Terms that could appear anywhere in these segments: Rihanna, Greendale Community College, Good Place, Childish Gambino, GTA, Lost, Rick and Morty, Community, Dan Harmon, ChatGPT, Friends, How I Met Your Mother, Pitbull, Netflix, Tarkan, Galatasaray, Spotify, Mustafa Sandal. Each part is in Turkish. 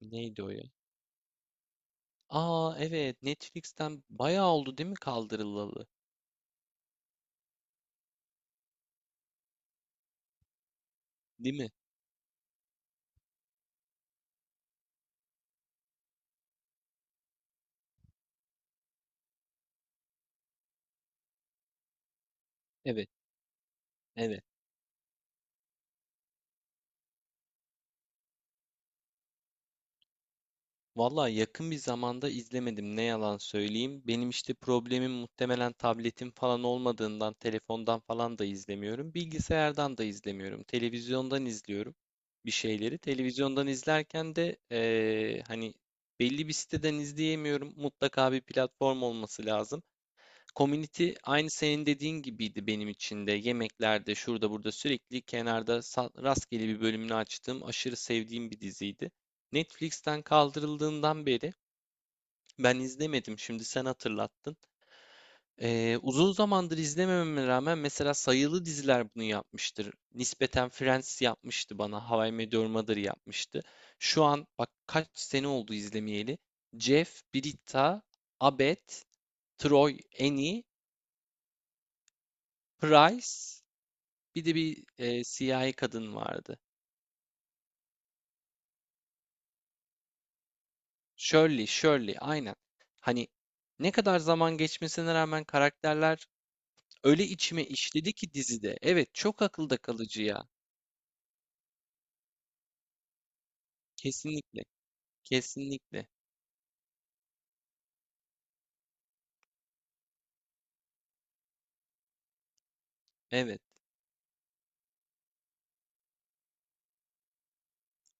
Neydi o ya? Aa evet, Netflix'ten bayağı oldu değil mi kaldırılalı? Değil mi? Evet, evet. Vallahi yakın bir zamanda izlemedim, ne yalan söyleyeyim. Benim işte problemim muhtemelen tabletim falan olmadığından telefondan falan da izlemiyorum. Bilgisayardan da izlemiyorum. Televizyondan izliyorum bir şeyleri. Televizyondan izlerken de hani belli bir siteden izleyemiyorum. Mutlaka bir platform olması lazım. Community aynı senin dediğin gibiydi benim için de. Yemeklerde şurada burada sürekli kenarda rastgele bir bölümünü açtığım aşırı sevdiğim bir diziydi. Netflix'ten kaldırıldığından beri ben izlemedim. Şimdi sen hatırlattın. Uzun zamandır izlemememe rağmen mesela sayılı diziler bunu yapmıştır. Nispeten Friends yapmıştı bana. How I Met Your Mother yapmıştı. Şu an bak kaç sene oldu izlemeyeli. Jeff, Britta, Abed, Troy, Annie, Price. Bir de bir siyahi kadın vardı. Shirley, Shirley, aynen. Hani ne kadar zaman geçmesine rağmen karakterler öyle içime işledi ki dizide. Evet, çok akılda kalıcı ya. Kesinlikle, kesinlikle. Evet,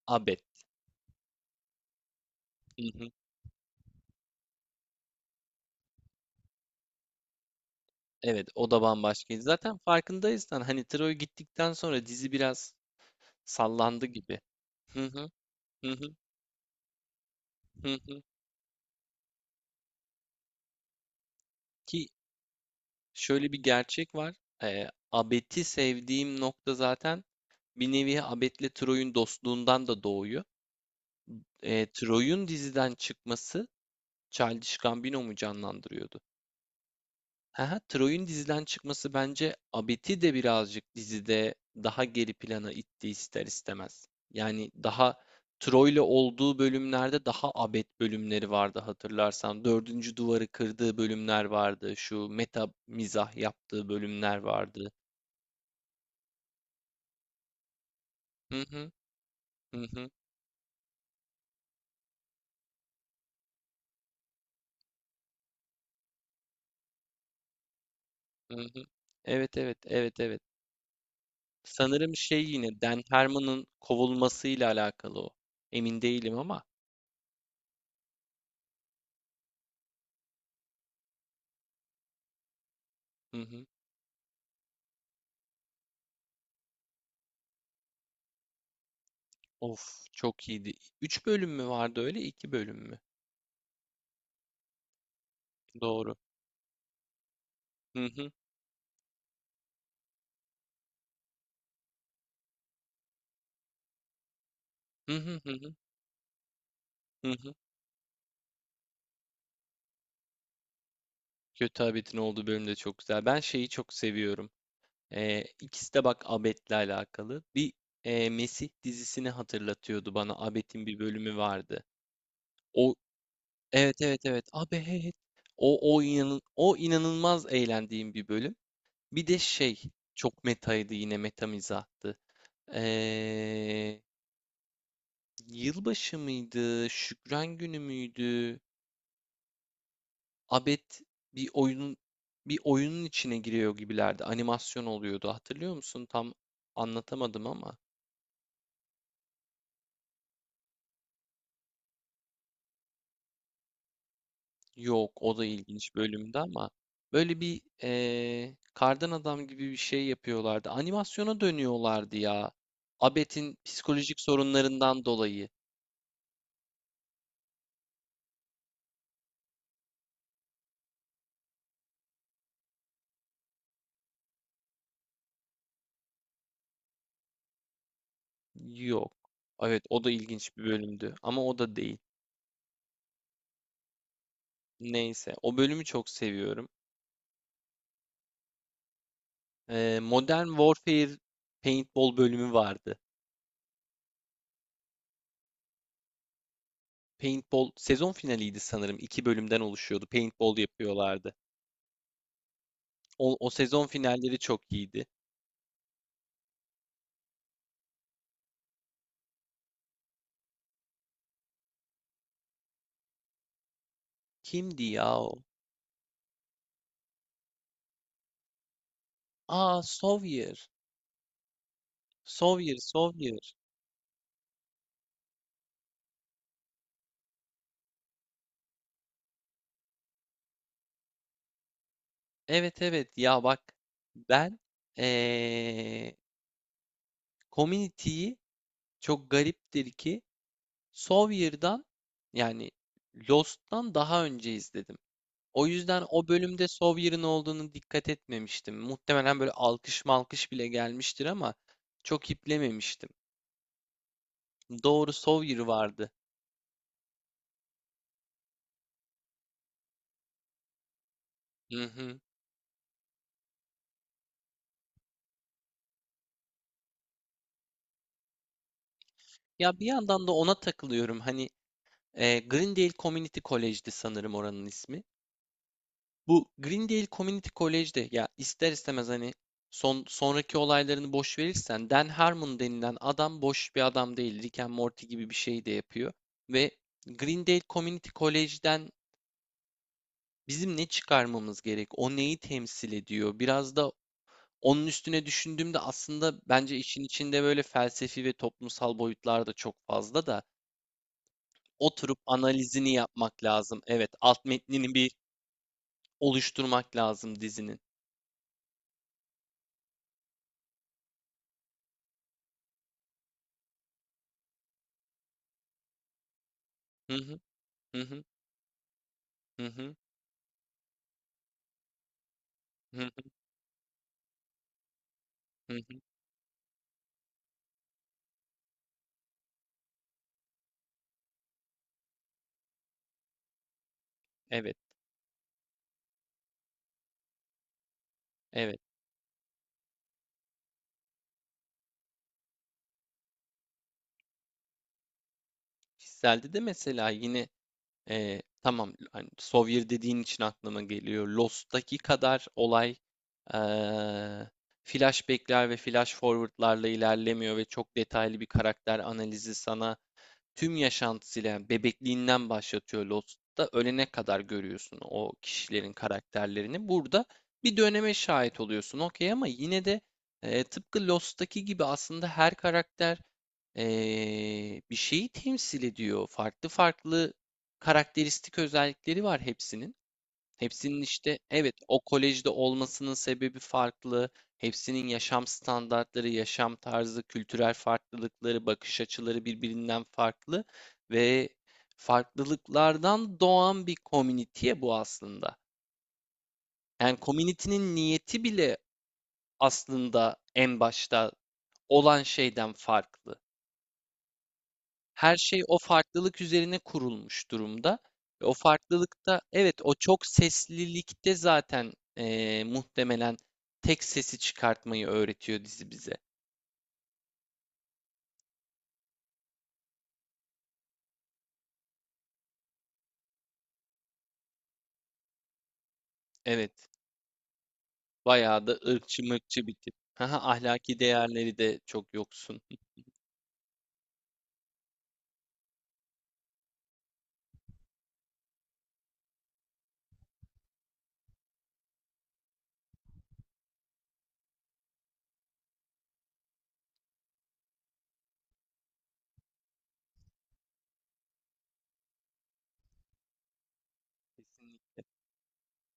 Abed. Hı hı. Evet, o da bambaşkaydı. Zaten farkındaysan hani Troy gittikten sonra dizi biraz sallandı gibi. Hı hı, hı hı, hı hı. Ki şöyle bir gerçek var. Abed'i sevdiğim nokta zaten bir nevi Abed'le Troy'un dostluğundan da doğuyor. Troy'un diziden çıkması, Childish Gambino mu canlandırıyordu? Haha, Troy'un diziden çıkması bence Abed'i de birazcık dizide daha geri plana itti ister istemez. Yani daha Troy'le olduğu bölümlerde daha Abed bölümleri vardı hatırlarsan. Dördüncü duvarı kırdığı bölümler vardı. Şu meta mizah yaptığı bölümler vardı. Hı hı, hı hı, hı hı. Evet evet, evet evet. Sanırım şey, yine Dan Harmon'ın kovulmasıyla alakalı o. Emin değilim ama. Hı hı. Of, çok iyiydi. 3 bölüm mü vardı öyle, 2 bölüm mü? Doğru. Hı hı. Hı hı hı hı. Hı hı. Kötü Abet'in olduğu bölüm de çok güzel. Ben şeyi çok seviyorum. İkisi de bak Abet'le alakalı. Bir Mesih dizisini hatırlatıyordu bana. Abet'in bir bölümü vardı. O, evet evet evet. Abet. O inan o inanılmaz eğlendiğim bir bölüm. Bir de şey, çok metaydı, yine meta mizahtı. Ee, Yılbaşı mıydı? Şükran günü müydü? Abed bir oyunun bir oyunun içine giriyor gibilerdi. Animasyon oluyordu. Hatırlıyor musun? Tam anlatamadım ama. Yok, o da ilginç bölümde ama böyle bir kardan adam gibi bir şey yapıyorlardı. Animasyona dönüyorlardı ya. Abed'in psikolojik sorunlarından dolayı. Yok. Evet, o da ilginç bir bölümdü ama o da değil. Neyse, o bölümü çok seviyorum. Modern Warfare Paintball bölümü vardı. Paintball sezon finaliydi sanırım. İki bölümden oluşuyordu. Paintball yapıyorlardı. O, o sezon finalleri çok iyiydi. Kimdi ya o? Aa, Sawyer. Sawyer, Sawyer. Evet evet ya, bak ben ee, Community'yi, çok gariptir ki, Sawyer'dan yani Lost'tan daha önce izledim. O yüzden o bölümde Sawyer'ın olduğunu dikkat etmemiştim. Muhtemelen böyle alkış malkış bile gelmiştir ama çok iplememiştim. Doğru, Sawyer vardı. Hı hı. Ya bir yandan da ona takılıyorum. Hani Greendale Community College'di sanırım oranın ismi. Bu Greendale Community College'de ya, ister istemez hani sonraki olaylarını boş verirsen, Dan Harmon denilen adam boş bir adam değil. Rick and Morty gibi bir şey de yapıyor. Ve Greendale Community College'den bizim ne çıkarmamız gerek? O neyi temsil ediyor? Biraz da onun üstüne düşündüğümde aslında bence işin içinde böyle felsefi ve toplumsal boyutlar da çok fazla, da oturup analizini yapmak lazım. Evet, alt metnini bir oluşturmak lazım dizinin. Hı hı, hı hı, hı hı. Hı hı, hı hı. Evet, evet. Kişiselde de mesela yine tamam hani Sawyer dediğin için aklıma geliyor. Lost'taki kadar olay e, flashback'ler ve flash forward'larla ilerlemiyor ve çok detaylı bir karakter analizi sana tüm yaşantısıyla, yani bebekliğinden başlatıyor Lost'ta, ölene kadar görüyorsun o kişilerin karakterlerini. Burada bir döneme şahit oluyorsun okey, ama yine de tıpkı Lost'taki gibi aslında her karakter bir şeyi temsil ediyor. Farklı farklı karakteristik özellikleri var hepsinin. Hepsinin işte, evet, o kolejde olmasının sebebi farklı. Hepsinin yaşam standartları, yaşam tarzı, kültürel farklılıkları, bakış açıları birbirinden farklı ve farklılıklardan doğan bir komüniteye bu aslında. Yani komünitenin niyeti bile aslında en başta olan şeyden farklı. Her şey o farklılık üzerine kurulmuş durumda. Ve o farklılıkta, evet, o çok seslilikte zaten muhtemelen tek sesi çıkartmayı öğretiyor dizi bize. Evet. Bayağı da ırkçı mırkçı bir tip. Haha, ahlaki değerleri de çok yoksun.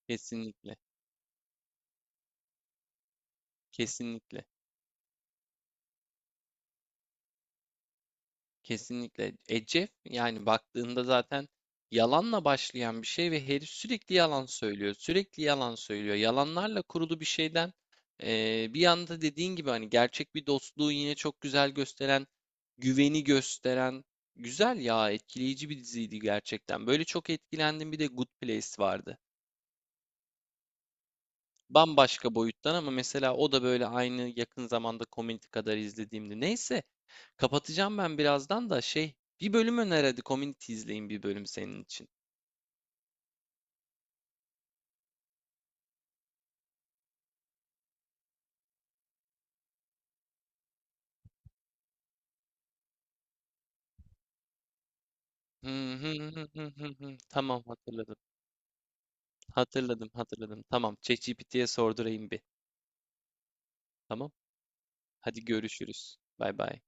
Kesinlikle. Kesinlikle. Kesinlikle. Kesinlikle. Jeff yani baktığında zaten yalanla başlayan bir şey ve herif sürekli yalan söylüyor. Sürekli yalan söylüyor. Yalanlarla kurulu bir şeyden bir yanda dediğin gibi hani gerçek bir dostluğu yine çok güzel gösteren, güveni gösteren, güzel ya, etkileyici bir diziydi gerçekten. Böyle çok etkilendim. Bir de Good Place vardı. Bambaşka boyuttan ama mesela o da böyle aynı yakın zamanda Community kadar izlediğimdi. Neyse, kapatacağım ben birazdan da şey, bir bölüm öner hadi, Community izleyin bir bölüm senin için. Hı hı hı hı hı hı. Tamam, hatırladım. Hatırladım, hatırladım. Tamam, ChatGPT'ye sordurayım bir. Tamam. Hadi görüşürüz. Bay bay.